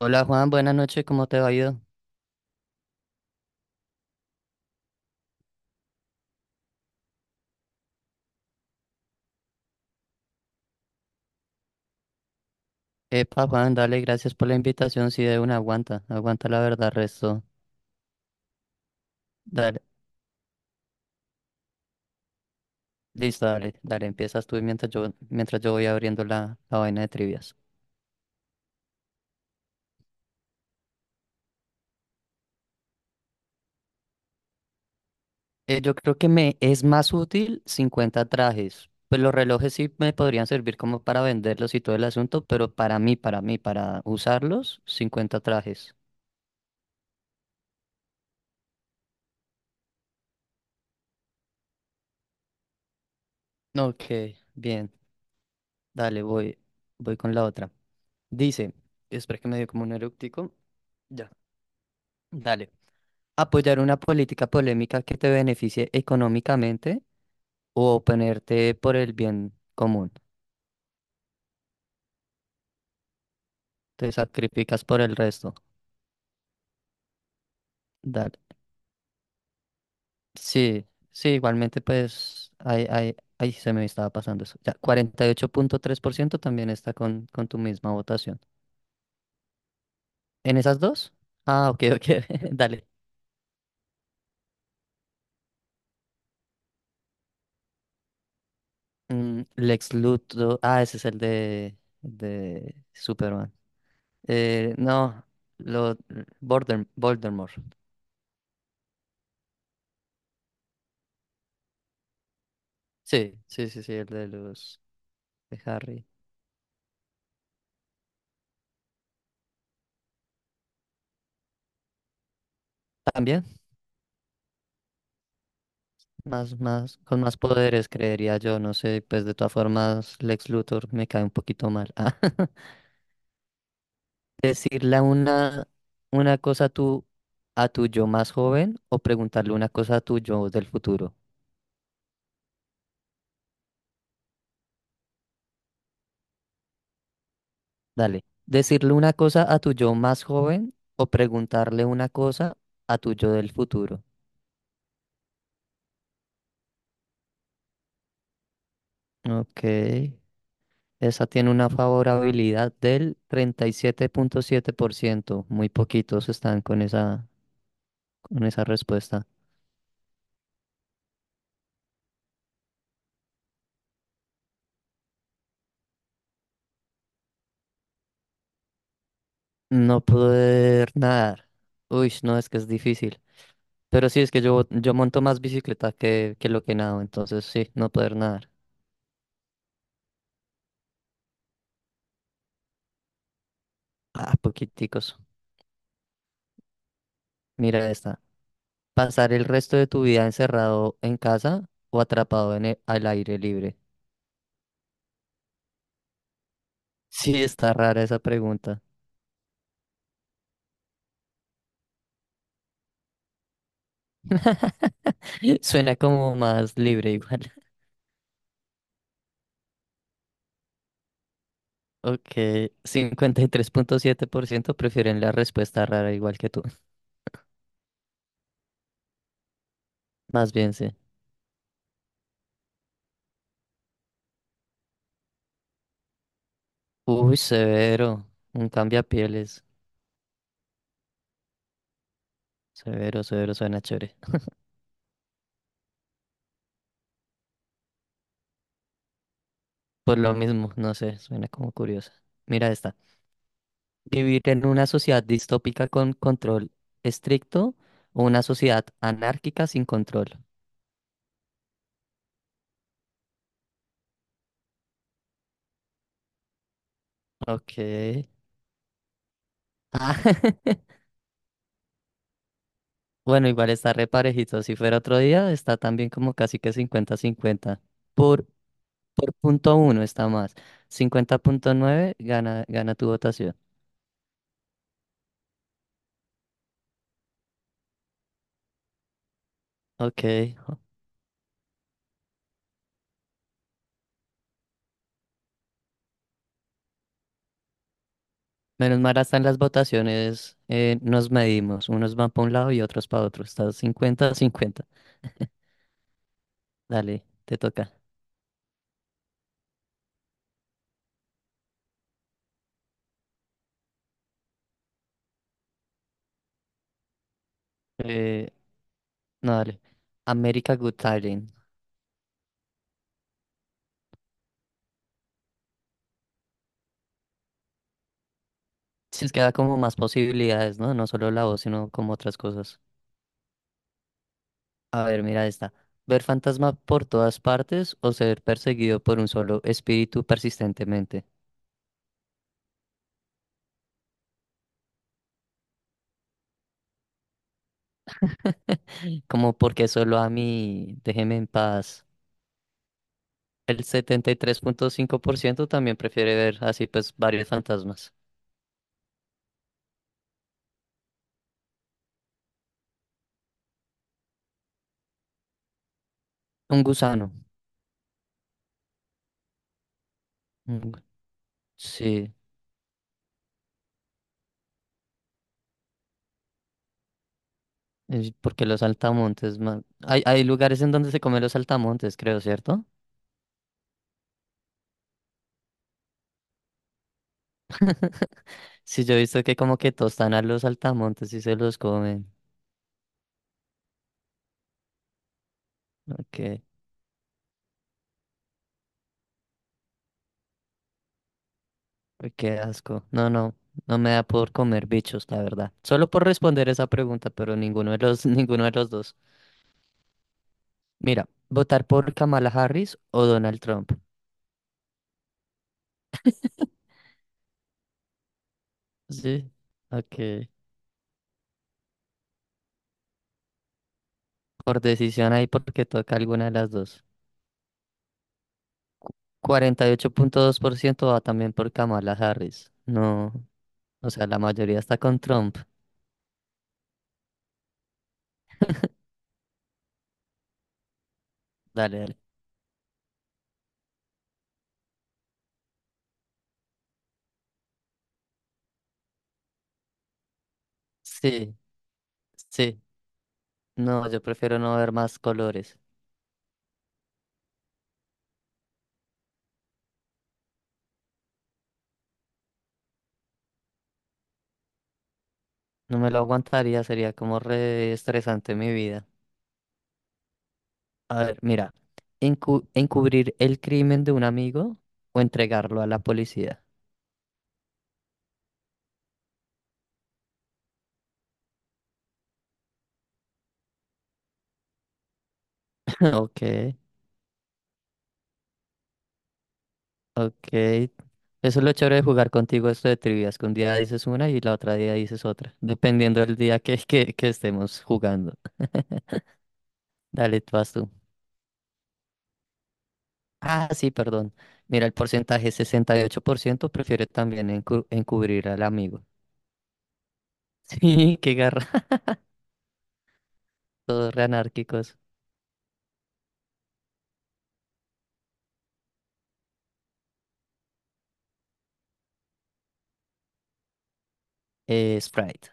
Hola Juan, buenas noches, ¿cómo te va ido? Epa Juan, dale, gracias por la invitación, si de una aguanta, aguanta la verdad, resto. Dale, listo, dale, dale, empiezas tú mientras yo voy abriendo la vaina de trivias. Yo creo que me es más útil 50 trajes, pues los relojes sí me podrían servir como para venderlos y todo el asunto, pero para mí, para usarlos, 50 trajes. Ok, bien, dale, voy con la otra. Dice, espera que me dio como un eructico. Ya. Dale. Apoyar una política polémica que te beneficie económicamente o oponerte por el bien común. Te sacrificas por el resto. Dale. Sí, sí, igualmente pues ahí se me estaba pasando eso. Ya, 48,3% también está con tu misma votación. ¿En esas dos? Ah, ok, ok, dale. Mm, Lex Luthor, ah, ese es el de Superman. No, lo, Voldemort. Sí, sí, sí, sí, el de los de Harry. También, más, más, con más poderes, creería yo, no sé, pues de todas formas, Lex Luthor me cae un poquito mal. Ah, decirle una cosa a tu yo más joven o preguntarle una cosa a tu yo del futuro. Dale. Decirle una cosa a tu yo más joven o preguntarle una cosa a tu yo del futuro. Ok. Esa tiene una favorabilidad del treinta y siete punto siete por ciento. Muy poquitos están con esa respuesta. No poder nadar. Uy, no, es que es difícil. Pero sí, es que yo monto más bicicleta que lo que nado. Entonces sí, no poder nadar. Ah, poquiticos. Mira esta. Pasar el resto de tu vida encerrado en casa o atrapado al aire libre. Sí, está rara esa pregunta. Suena como más libre igual. Ok, 53.7% prefieren la respuesta rara igual que tú. Más bien, sí. Uy, severo. Un cambiapieles. Severo, severo, suena chévere. Por lo mismo, no sé, suena como curiosa. Mira esta. ¿Vivir en una sociedad distópica con control estricto o una sociedad anárquica sin control? Ok. Ah, bueno, igual está re parejito. Si fuera otro día, está también como casi que 50-50. Por Por punto uno está más. Cincuenta punto nueve gana tu votación. Ok. Menos mal hasta en las votaciones nos medimos. Unos van para un lado y otros para otro. Estás 50 cincuenta. Dale, te toca. Eh, no, dale. America Good Talent. Si es que da como más posibilidades, ¿no? No solo la voz, sino como otras cosas. A ver, mira esta. Ver fantasma por todas partes o ser perseguido por un solo espíritu persistentemente. Como porque solo a mí, déjeme en paz. El 73,5% también prefiere ver así pues varios fantasmas. Un gusano. un gu- sí, es porque los saltamontes, man. Hay lugares en donde se comen los saltamontes, creo, ¿cierto? Sí, yo he visto que como que tostan a los saltamontes y se los comen. Ok, uy, qué asco. No, no, no me da por comer bichos, la verdad. Solo por responder esa pregunta, pero ninguno de los, ninguno de los dos. Mira, ¿votar por Kamala Harris o Donald Trump? Sí, ok. Por decisión ahí porque toca alguna de las dos. 48.2% va también por Kamala Harris. No, o sea, la mayoría está con Trump. Dale, dale. Sí, sí. No, yo prefiero no ver más colores. No me lo aguantaría, sería como re estresante mi vida. A ver, mira, encubrir el crimen de un amigo o entregarlo a la policía. Ok, ok. Eso es lo chévere de jugar contigo esto de trivias, que un día dices una y la otra día dices otra, dependiendo del día que estemos jugando. Dale, tú vas tú. Ah, sí, perdón. Mira, el porcentaje, 68% prefiere también encubrir al amigo. Sí, qué garra. Todos re anárquicos. Sprite.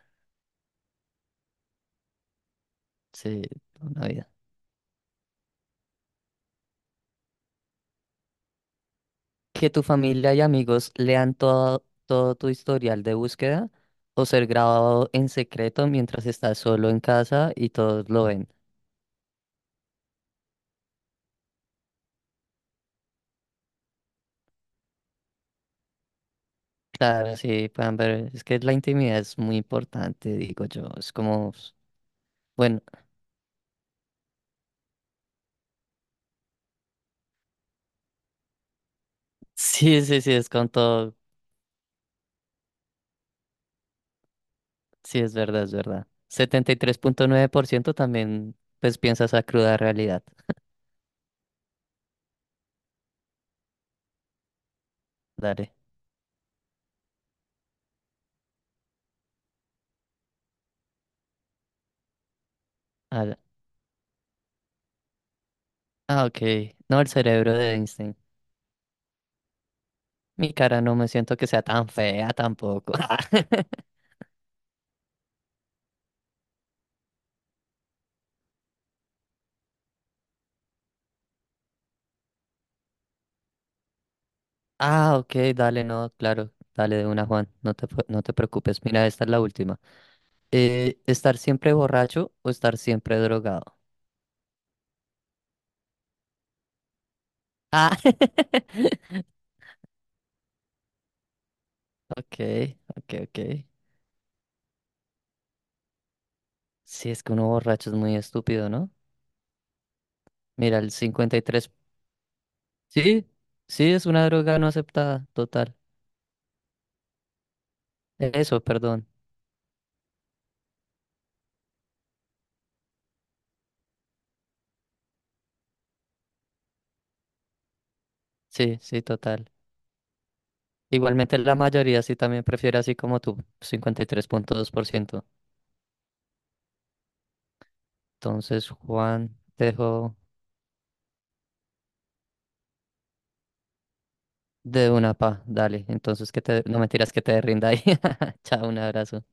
Sí, toda una vida. Que tu familia y amigos lean todo tu historial de búsqueda o ser grabado en secreto mientras estás solo en casa y todos lo ven. Claro, sí, puedan ver, es que la intimidad es muy importante, digo yo, es como, bueno, sí, sí, sí, es con todo, sí, es verdad, es verdad. 73,9% también, pues, piensa esa cruda realidad. Dale. al- Ah, ok, no el cerebro de Einstein. Mi cara no me siento que sea tan fea tampoco. Ah, ok, dale, no, claro, dale de una, Juan, no te preocupes, mira, esta es la última. ¿Estar siempre borracho o estar siempre drogado? Ah, ok, ok, ok. Sí, es que uno borracho es muy estúpido, ¿no? Mira, el 53. Sí, sí, es una droga no aceptada, total. Eso, perdón. Sí, sí, total. Igualmente la mayoría sí también prefiere así como tú, 53,2%. Entonces, Juan, te dejo de una pa, dale. Entonces, que te... No mentiras que te rinda ahí. Chao, un abrazo.